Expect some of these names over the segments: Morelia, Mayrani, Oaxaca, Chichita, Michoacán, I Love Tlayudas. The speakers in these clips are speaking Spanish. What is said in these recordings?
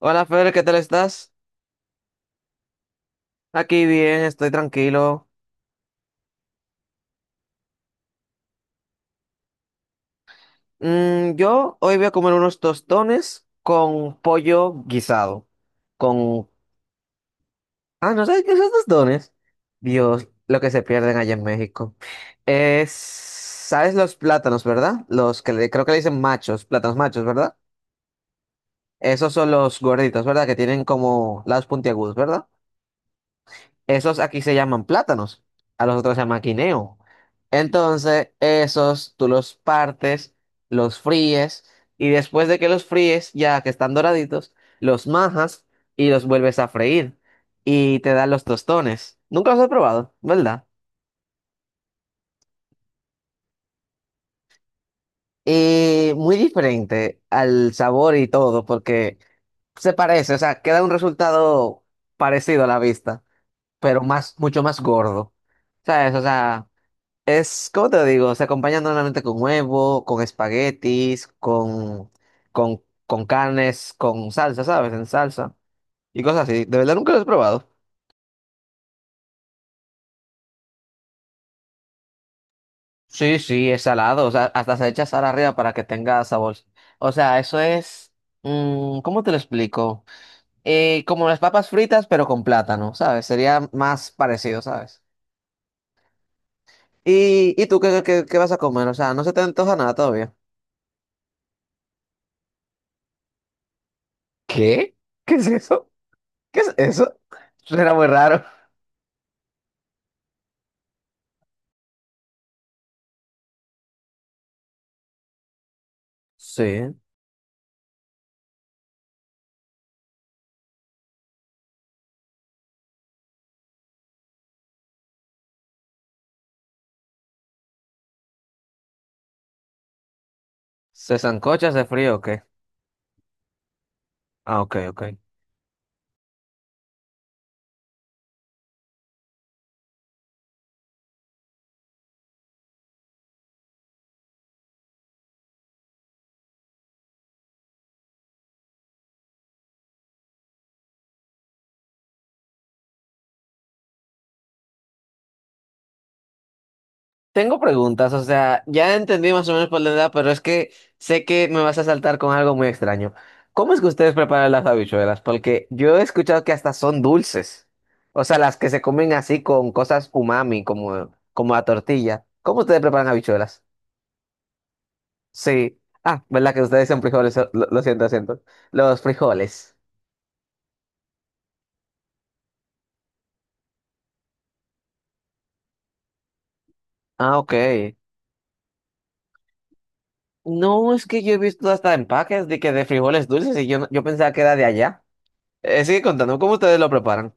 Hola Fer, ¿qué tal estás? Aquí bien, estoy tranquilo. Yo hoy voy a comer unos tostones con pollo guisado. Con... Ah, ¿no sabes qué son tostones? Dios, lo que se pierden allá en México. Es... ¿Sabes los plátanos, verdad? Creo que le dicen machos, plátanos machos, ¿verdad? Esos son los gorditos, ¿verdad? Que tienen como lados puntiagudos, ¿verdad? Esos aquí se llaman plátanos, a los otros se llama quineo. Entonces, esos tú los partes, los fríes y después de que los fríes, ya que están doraditos, los majas y los vuelves a freír y te dan los tostones. Nunca los he probado, ¿verdad? Y muy diferente al sabor y todo, porque se parece, o sea, queda un resultado parecido a la vista, pero más, mucho más gordo. ¿Sabes? O sea. Es, ¿cómo te digo? Se acompaña normalmente con huevo, con espaguetis, con carnes, con salsa, ¿sabes? En salsa y cosas así. De verdad nunca lo he probado. Sí, sí, es salado. O sea, hasta se echa sal arriba para que tenga sabor. O sea, eso es. ¿Cómo te lo explico? Como las papas fritas, pero con plátano, ¿sabes? Sería más parecido, ¿sabes? ¿Y tú qué vas a comer? O sea, no se te antoja nada todavía. ¿Qué? ¿Qué es eso? ¿Qué es eso? Suena muy raro. Sí. ¿Se sancocha, se frío o qué? Ah, ok, ok. Tengo preguntas, o sea, ya entendí más o menos por la edad, pero es que sé que me vas a saltar con algo muy extraño. ¿Cómo es que ustedes preparan las habichuelas? Porque yo he escuchado que hasta son dulces. O sea, las que se comen así con cosas umami, como la tortilla. ¿Cómo ustedes preparan habichuelas? Sí. Ah, ¿verdad que ustedes son frijoles? Lo siento, lo siento. Los frijoles. Ah, ok. No, es que yo he visto hasta empaques de que de frijoles dulces y yo, no- yo pensaba que era de allá. Sigue contando cómo ustedes lo preparan.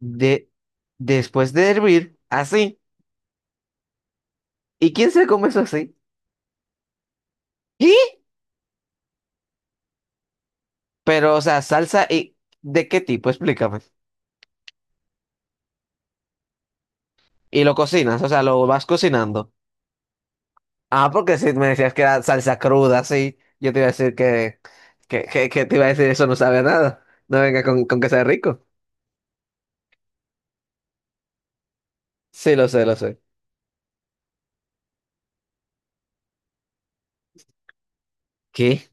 De, después de hervir, así. ¿Y quién se come eso así? ¿Qué? Pero, o sea, salsa y ¿de qué tipo? Explícame. Y lo cocinas, o sea, lo vas cocinando. Ah, porque si me decías que era salsa cruda, sí, yo te iba a decir que, que te iba a decir eso no sabe a nada. No venga con que sea rico. Sí, lo sé, lo sé. ¿Qué?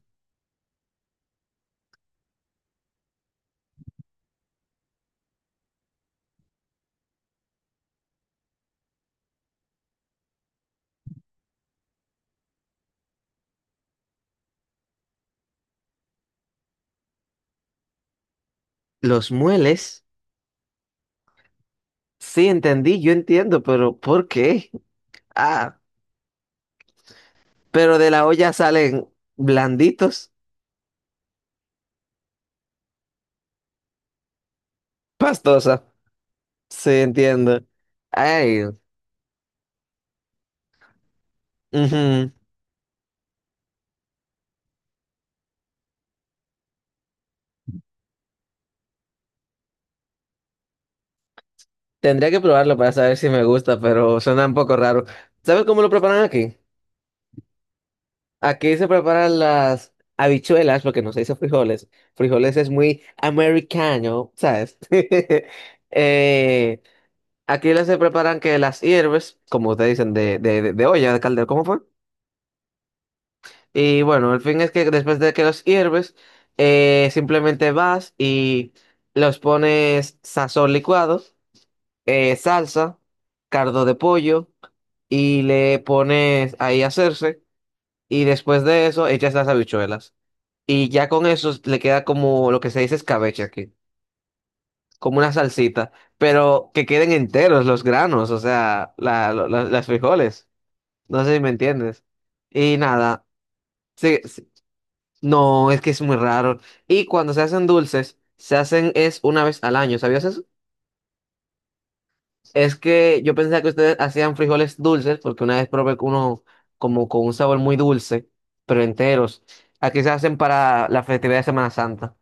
¿Los mueles? Sí, entendí, yo entiendo, pero ¿por qué? Ah, pero de la olla salen blanditos, pastosa. Sí, entiendo. Ay, ujú. Tendría que probarlo para saber si me gusta, pero suena un poco raro. ¿Sabes cómo lo preparan aquí? Aquí se preparan las habichuelas, porque no se dice frijoles. Frijoles es muy americano, ¿sabes? Eh, aquí las se preparan que las hierves, como ustedes dicen, de olla, de caldero, ¿cómo fue? Y bueno, el fin es que después de que los hierves, simplemente vas y los pones sazón licuado, salsa, cardo de pollo y le pones ahí a hacerse. Y después de eso echas las habichuelas. Y ya con eso le queda como lo que se dice escabeche aquí, como una salsita, pero que queden enteros los granos, o sea, las frijoles. No sé si me entiendes. Y nada, sí, sí. No, es que es muy raro. Y cuando se hacen dulces, se hacen es una vez al año, ¿sabías eso? Es que yo pensaba que ustedes hacían frijoles dulces, porque una vez probé con uno como con un sabor muy dulce, pero enteros. Aquí se hacen para la festividad de Semana Santa,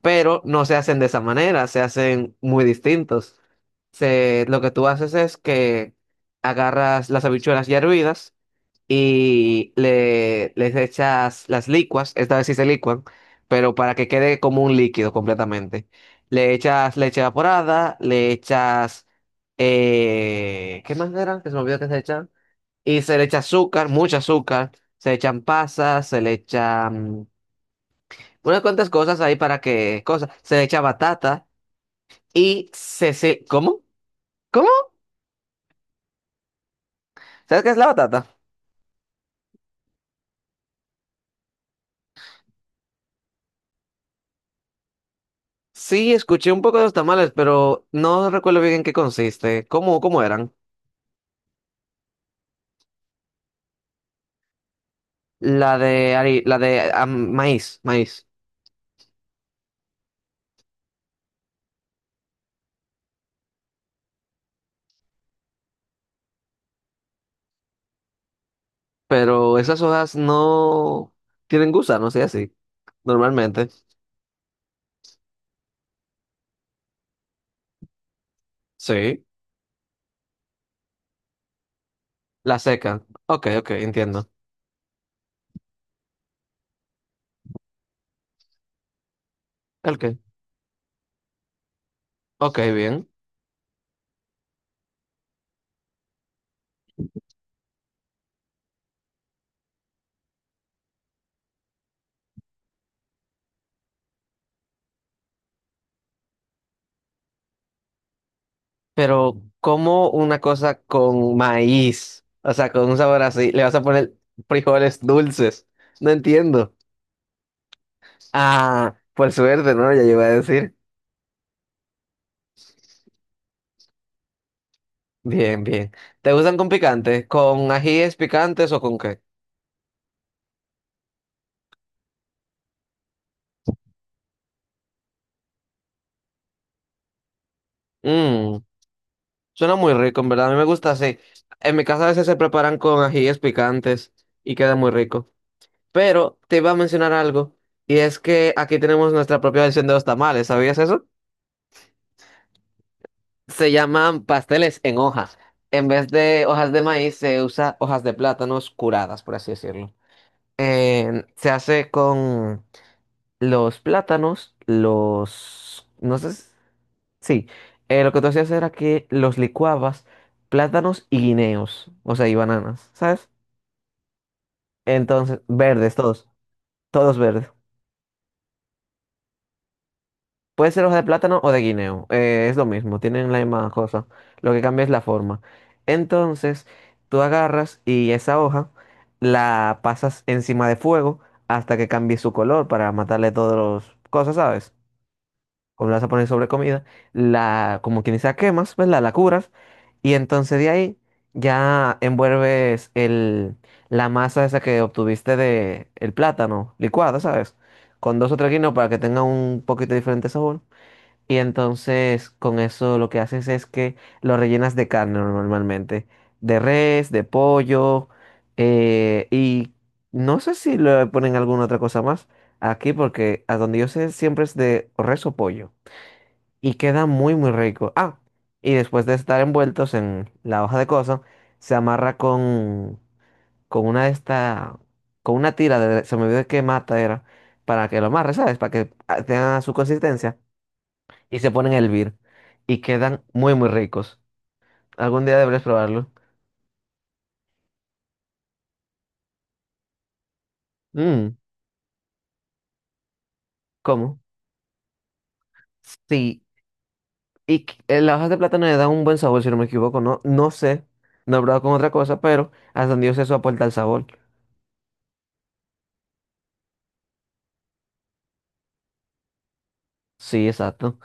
pero no se hacen de esa manera, se hacen muy distintos. Lo que tú haces es que agarras las habichuelas ya hervidas y les echas las licuas, esta vez sí se licuan, pero para que quede como un líquido completamente. Le echas leche evaporada, le echas... ¿Qué más eran? Que se me olvidó que se echan. Y se le echa azúcar, mucho azúcar, se echan pasas, se le echan unas cuantas cosas ahí para que... cosas, se le echa batata y se ¿cómo? ¿Cómo? ¿Sabes qué es la batata? Sí, escuché un poco de los tamales, pero no recuerdo bien en qué consiste. ¿Cómo eran? La de maíz, maíz. Pero esas hojas no tienen gusanos y así. Normalmente. Sí. La secan. Ok, ok, entiendo. Ok, ok, bien. Pero, ¿cómo una cosa con maíz? O sea, con un sabor así, le vas a poner frijoles dulces. No entiendo. Ah, por suerte, ¿no? Ya yo iba a decir. Bien, bien. ¿Te gustan con picante? ¿Con ajíes picantes o con qué? Mmm. Suena muy rico, en verdad. A mí me gusta así. En mi casa a veces se preparan con ajíes picantes y queda muy rico. Pero te iba a mencionar algo, y es que aquí tenemos nuestra propia versión de los tamales. ¿Sabías eso? Se llaman pasteles en hojas. En vez de hojas de maíz, se usa hojas de plátanos curadas, por así decirlo. Se hace con los plátanos, los... No sé, sí, lo que tú hacías era que los licuabas plátanos y guineos, o sea, y bananas, ¿sabes? Entonces, verdes, todos, todos verdes. Puede ser hoja de plátano o de guineo, es lo mismo, tienen la misma cosa. Lo que cambia es la forma. Entonces, tú agarras y esa hoja la pasas encima de fuego hasta que cambie su color para matarle todas las cosas, ¿sabes? O la vas a poner sobre comida, la, como quien dice, la quemas, ¿verdad? La curas, y entonces de ahí ya envuelves la masa esa que obtuviste de el plátano licuado, ¿sabes? Con dos o tres guineos para que tenga un poquito diferente sabor. Y entonces con eso lo que haces es que lo rellenas de carne normalmente, de res, de pollo, y no sé si le ponen alguna otra cosa más aquí porque a donde yo sé siempre es de res o pollo y queda muy muy rico. Ah, y después de estar envueltos en la hoja de coso, se amarra con una de esta, con una tira de, se me olvidó qué mata era, para que lo amarre, ¿sabes? Para que tenga su consistencia y se ponen a hervir y quedan muy muy ricos. Algún día deberías probarlo. Mm, ¿cómo? Sí, y las hojas de plátano le dan un buen sabor, si no me equivoco, no, no sé, no he probado con otra cosa, pero hasta donde yo sé eso aporta el sabor. Sí, exacto.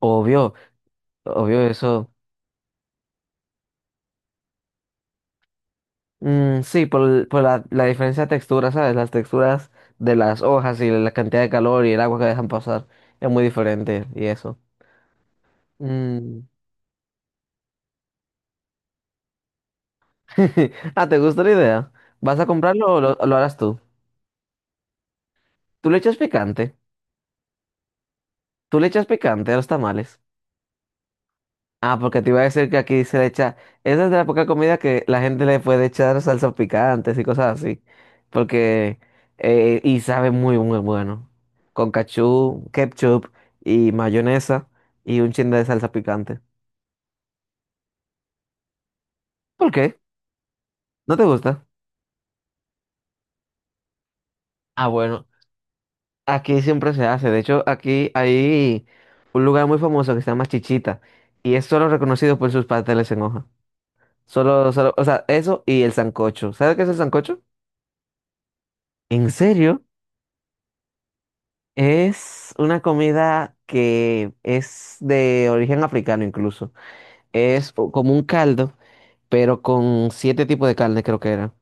Obvio. Obvio eso. Mm, sí, por la diferencia de textura, ¿sabes? Las texturas de las hojas y la cantidad de calor y el agua que dejan pasar es muy diferente y eso. Mm. Ah, ¿te gusta la idea? ¿Vas a comprarlo o lo harás tú? ¿Tú le echas picante? ¿Tú le echas picante a los tamales? Ah, porque te iba a decir que aquí se le echa. Esa es de la poca comida que la gente le puede echar salsas picantes y cosas así. Porque. Y sabe muy, muy bueno. Con cachú, ketchup y mayonesa y un chin de salsa picante. ¿Por qué? ¿No te gusta? Ah, bueno. Aquí siempre se hace. De hecho, aquí hay un lugar muy famoso que se llama Chichita. Y es solo reconocido por sus pasteles en hoja. Solo, solo. O sea, eso y el sancocho. ¿Sabes qué es el sancocho? ¿En serio? Es una comida que es de origen africano incluso. Como un caldo, pero con siete tipos de carne creo que era.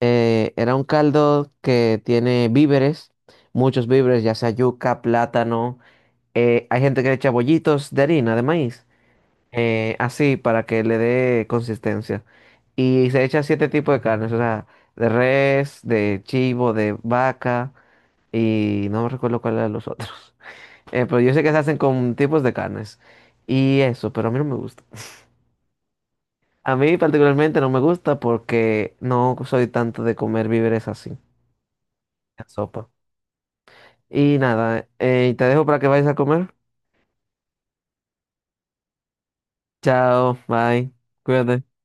Era un caldo que tiene víveres, muchos víveres, ya sea yuca, plátano. Hay gente que le echa bollitos de harina, de maíz, así para que le dé consistencia. Y se echa siete tipos de carnes, o sea, de res, de chivo, de vaca y no me recuerdo cuál era los otros. Pero yo sé que se hacen con tipos de carnes y eso, pero a mí no me gusta. A mí particularmente no me gusta porque no soy tanto de comer víveres así, en sopa. Y nada, te dejo para que vayas a comer. Chao, bye, cuídate.